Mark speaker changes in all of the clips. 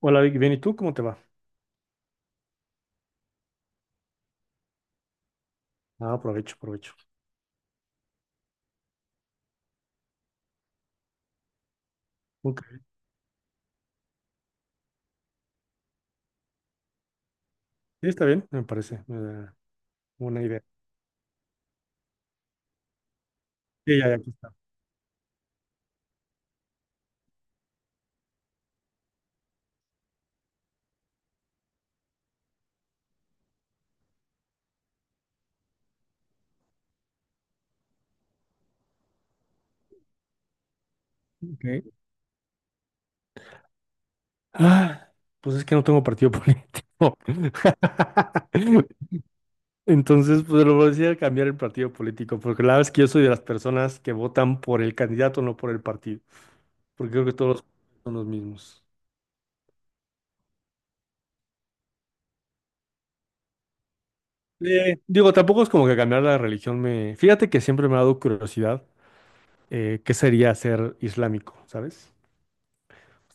Speaker 1: Hola Vicky, bien, ¿y tú cómo te va? Ah, aprovecho, aprovecho. Ok, sí, está bien, me parece, me da idea. Sí, ya, ya, aquí está. Ok. Ah, pues es que no tengo partido político. Entonces, pues lo voy a decir a cambiar el partido político, porque la verdad es que yo soy de las personas que votan por el candidato, no por el partido, porque creo que todos son los mismos. Digo, tampoco es como que cambiar la religión me... Fíjate que siempre me ha dado curiosidad. ¿Qué sería ser islámico? ¿Sabes?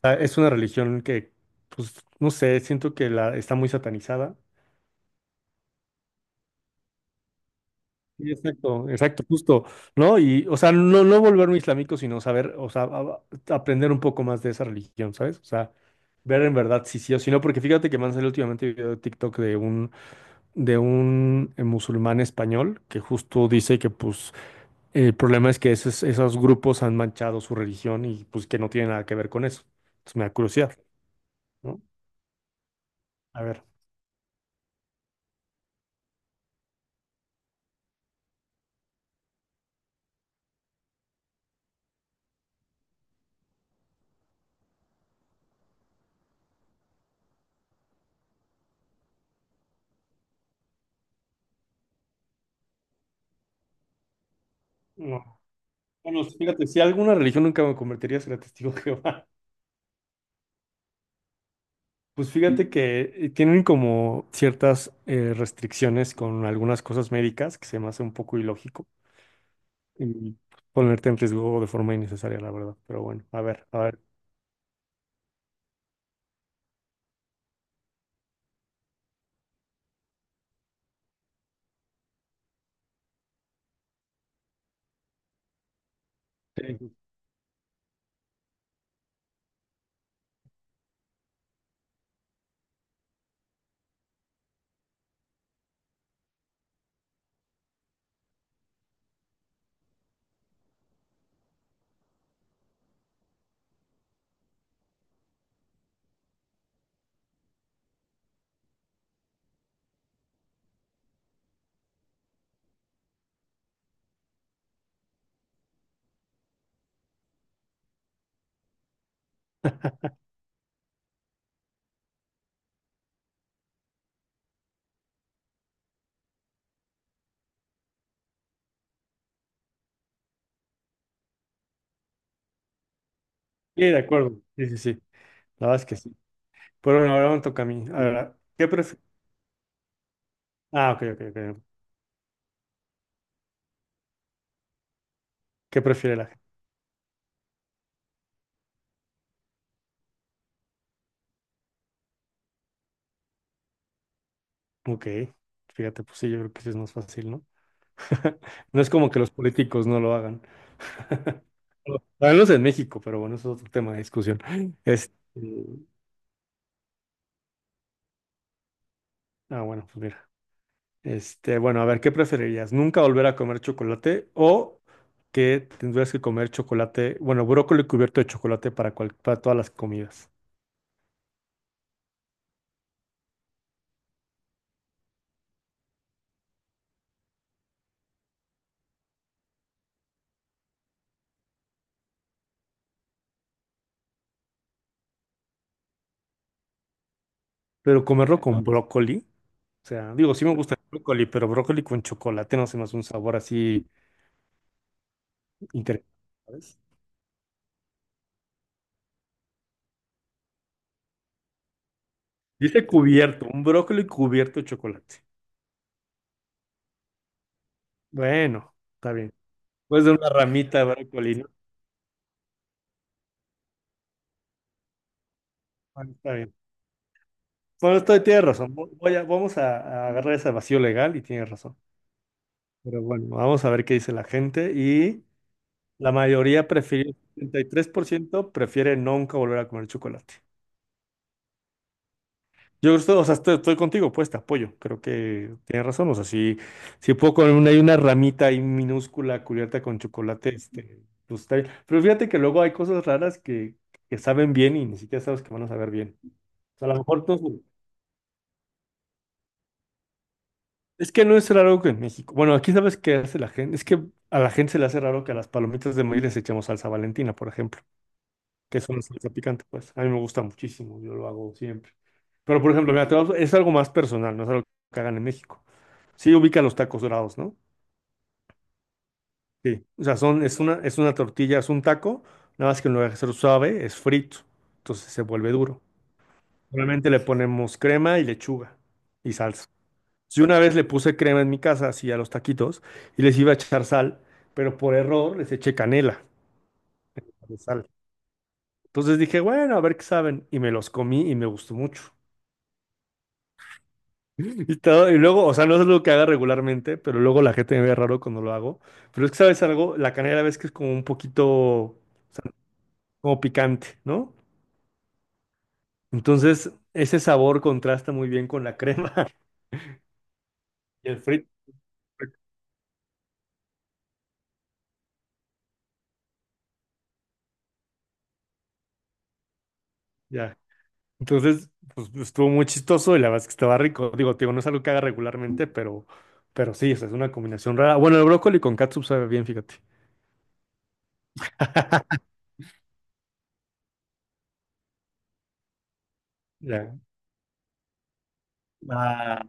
Speaker 1: Sea, es una religión que, pues, no sé, siento que la está muy satanizada. Sí, exacto, exacto, justo, ¿no? Y, o sea, no, no volverme islámico, sino saber, o sea, aprender un poco más de esa religión, ¿sabes? O sea, ver en verdad si sí o si no, porque fíjate que me han salido últimamente video de TikTok de un, de un musulmán español que justo dice que, pues, el problema es que esos grupos han manchado su religión y, pues, que no tiene nada que ver con eso. Entonces me da curiosidad, ¿no? A ver. Bueno, fíjate, si alguna religión nunca me convertiría a ser testigo de Jehová, pues fíjate que tienen como ciertas restricciones con algunas cosas médicas que se me hace un poco ilógico y ponerte en riesgo de forma innecesaria, la verdad. Pero bueno, a ver, a ver. Sí, sí, sí, de acuerdo. Sí, sí, sí. La verdad es que sí. Pero bueno, ahora me toca a mí. A ver, ¿qué? Ah, ok, ok, ok. ¿Qué prefiere la gente? Ok, fíjate, pues sí, yo creo que sí es más fácil, ¿no? No es como que los políticos no lo hagan. Háganlos en México, pero bueno, eso es otro tema de discusión. Este, ah, bueno, pues mira. Este, bueno, a ver, ¿qué preferirías? ¿Nunca volver a comer chocolate o que tendrías que comer chocolate, bueno, brócoli cubierto de chocolate para, para todas las comidas? Pero comerlo con brócoli, o sea, digo, sí me gusta el brócoli, pero brócoli con chocolate no se me hace un sabor así interesante, ¿sabes? Dice cubierto, un brócoli cubierto de chocolate. Bueno, está bien. Pues de una ramita de brócoli, ¿no? Bueno, está bien. Bueno, estoy, tienes razón. Voy a, vamos a agarrar ese vacío legal y tienes razón. Pero bueno, vamos a ver qué dice la gente. Y la mayoría prefirió, 73% prefiere nunca volver a comer chocolate. Yo estoy, o sea, estoy contigo, pues te apoyo. Creo que tienes razón. O sea, si puedo comer una, hay una ramita ahí minúscula cubierta con chocolate, este, pues está bien. Pero fíjate que luego hay cosas raras que saben bien y ni siquiera sabes que van a saber bien. O sea, a lo mejor no. Es que no es raro que en México. Bueno, aquí sabes qué hace la gente. Es que a la gente se le hace raro que a las palomitas de maíz les echemos salsa Valentina, por ejemplo, que es una salsa picante, pues. A mí me gusta muchísimo, yo lo hago siempre. Pero, por ejemplo, mira, es algo más personal, no es algo que hagan en México. Sí ubican los tacos dorados, ¿no? Sí. O sea, son, es una tortilla, es un taco, nada más que en lugar de ser suave, es frito. Entonces se vuelve duro. Normalmente le ponemos crema y lechuga y salsa. Yo una vez le puse crema en mi casa, así a los taquitos, y les iba a echar sal, pero por error les eché canela de sal. Entonces dije, bueno, a ver qué saben, y me los comí y me gustó mucho. Y todo, y luego, o sea, no es algo que haga regularmente, pero luego la gente me ve raro cuando lo hago. Pero es que, ¿sabes algo? La canela ves que es como un poquito, o sea, como picante, ¿no? Entonces, ese sabor contrasta muy bien con la crema y el frito. Ya. Entonces, pues estuvo muy chistoso y la verdad es que estaba rico. Digo, no es algo que haga regularmente, pero sí, o sea, es una combinación rara. Bueno, el brócoli con catsup sabe bien, fíjate. Ya. Ah,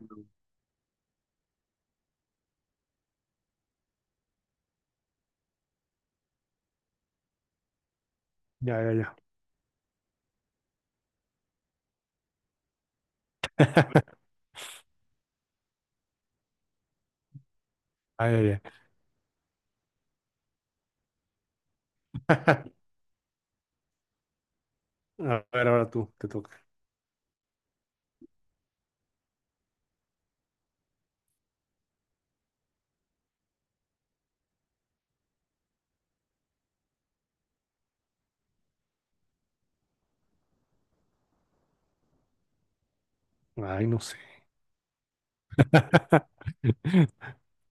Speaker 1: ya, ya, ya. Ay, ay, ay. A ver, ahora tú, te toca. Ay, no sé.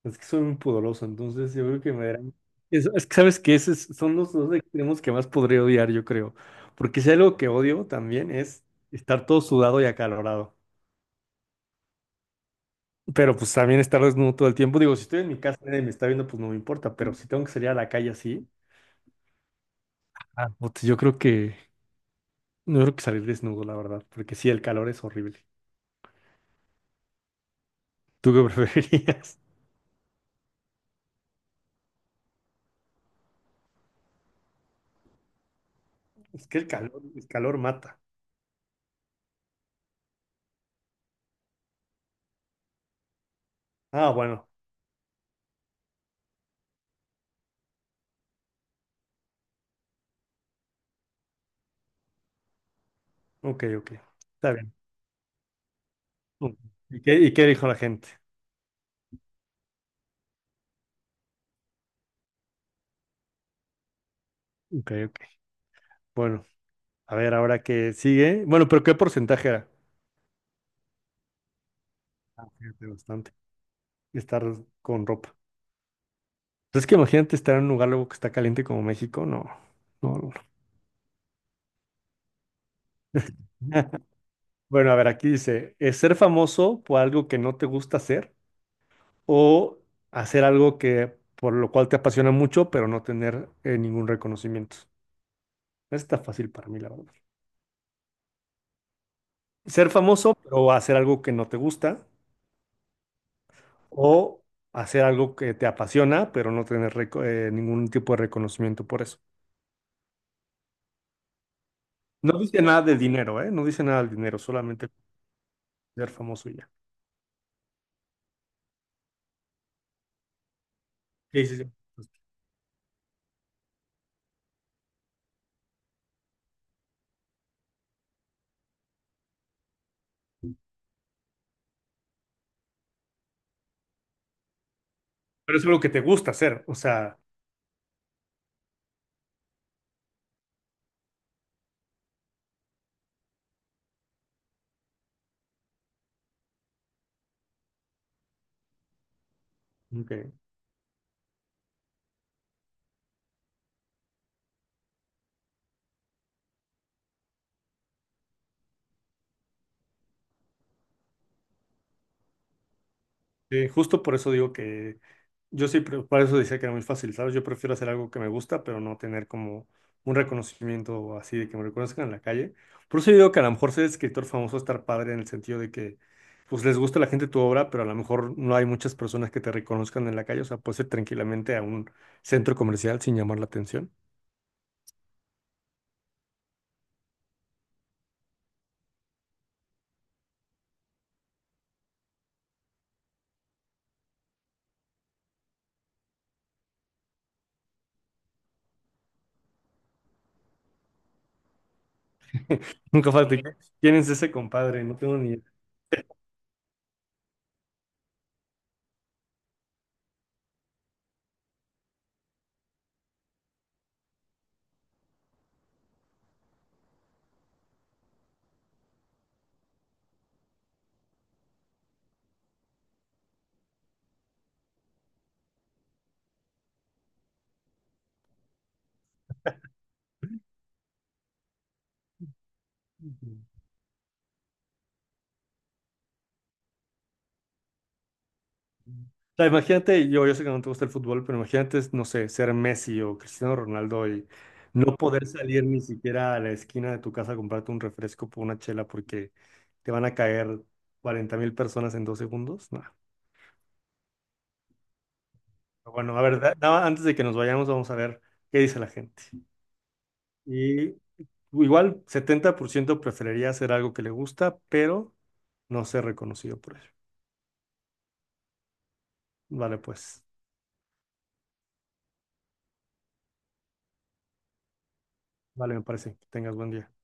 Speaker 1: Es que soy muy pudoroso, entonces yo creo que me darán... Es que sabes que esos son los dos extremos que más podría odiar, yo creo. Porque si hay algo que odio también es estar todo sudado y acalorado. Pero pues también estar desnudo todo el tiempo. Digo, si estoy en mi casa y nadie me está viendo, pues no me importa. Pero si tengo que salir a la calle así, ah, puta, yo creo que no creo que salir desnudo, la verdad. Porque sí, el calor es horrible. ¿Tú qué preferirías? Es que el calor mata. Ah, bueno. Ok, ok. Está bien. Ok. ¿Y qué dijo la gente? Ok, ok. Bueno, a ver, ahora que sigue. Bueno, pero ¿qué porcentaje era? Fíjate, bastante. Estar con ropa. Entonces, que imagínate estar en un lugar luego que está caliente como México. No, no, no. No. Bueno, a ver, aquí dice, ¿es ser famoso por algo que no te gusta hacer o hacer algo que por lo cual te apasiona mucho, pero no tener ningún reconocimiento? Está fácil para mí, la verdad. Ser famoso, pero hacer algo que no te gusta o hacer algo que te apasiona, pero no tener ningún tipo de reconocimiento por eso. No dice nada de dinero, ¿eh? No dice nada del dinero, solamente ser famoso y ya. Sí, sí, sí. Pero es algo que te gusta hacer, o sea, ok. Sí, justo por eso digo que yo sí, por eso decía que era muy fácil, ¿sabes? Yo prefiero hacer algo que me gusta, pero no tener como un reconocimiento así de que me reconozcan en la calle. Por eso yo digo que a lo mejor ser escritor famoso estar padre en el sentido de que pues les gusta a la gente tu obra, pero a lo mejor no hay muchas personas que te reconozcan en la calle, o sea, puedes ir tranquilamente a un centro comercial sin llamar la atención. Nunca falta, que, ¿quién es ese compadre? No tengo ni idea. O sea, imagínate, yo sé que no te gusta el fútbol, pero imagínate, no sé, ser Messi o Cristiano Ronaldo y no poder salir ni siquiera a la esquina de tu casa a comprarte un refresco por una chela porque te van a caer 40.000 personas en 2 segundos. No. Pero bueno, a ver, antes de que nos vayamos, vamos a ver qué dice la gente. Y igual, 70% preferiría hacer algo que le gusta, pero no ser reconocido por ello. Vale, pues, vale, me parece. Que tengas buen día.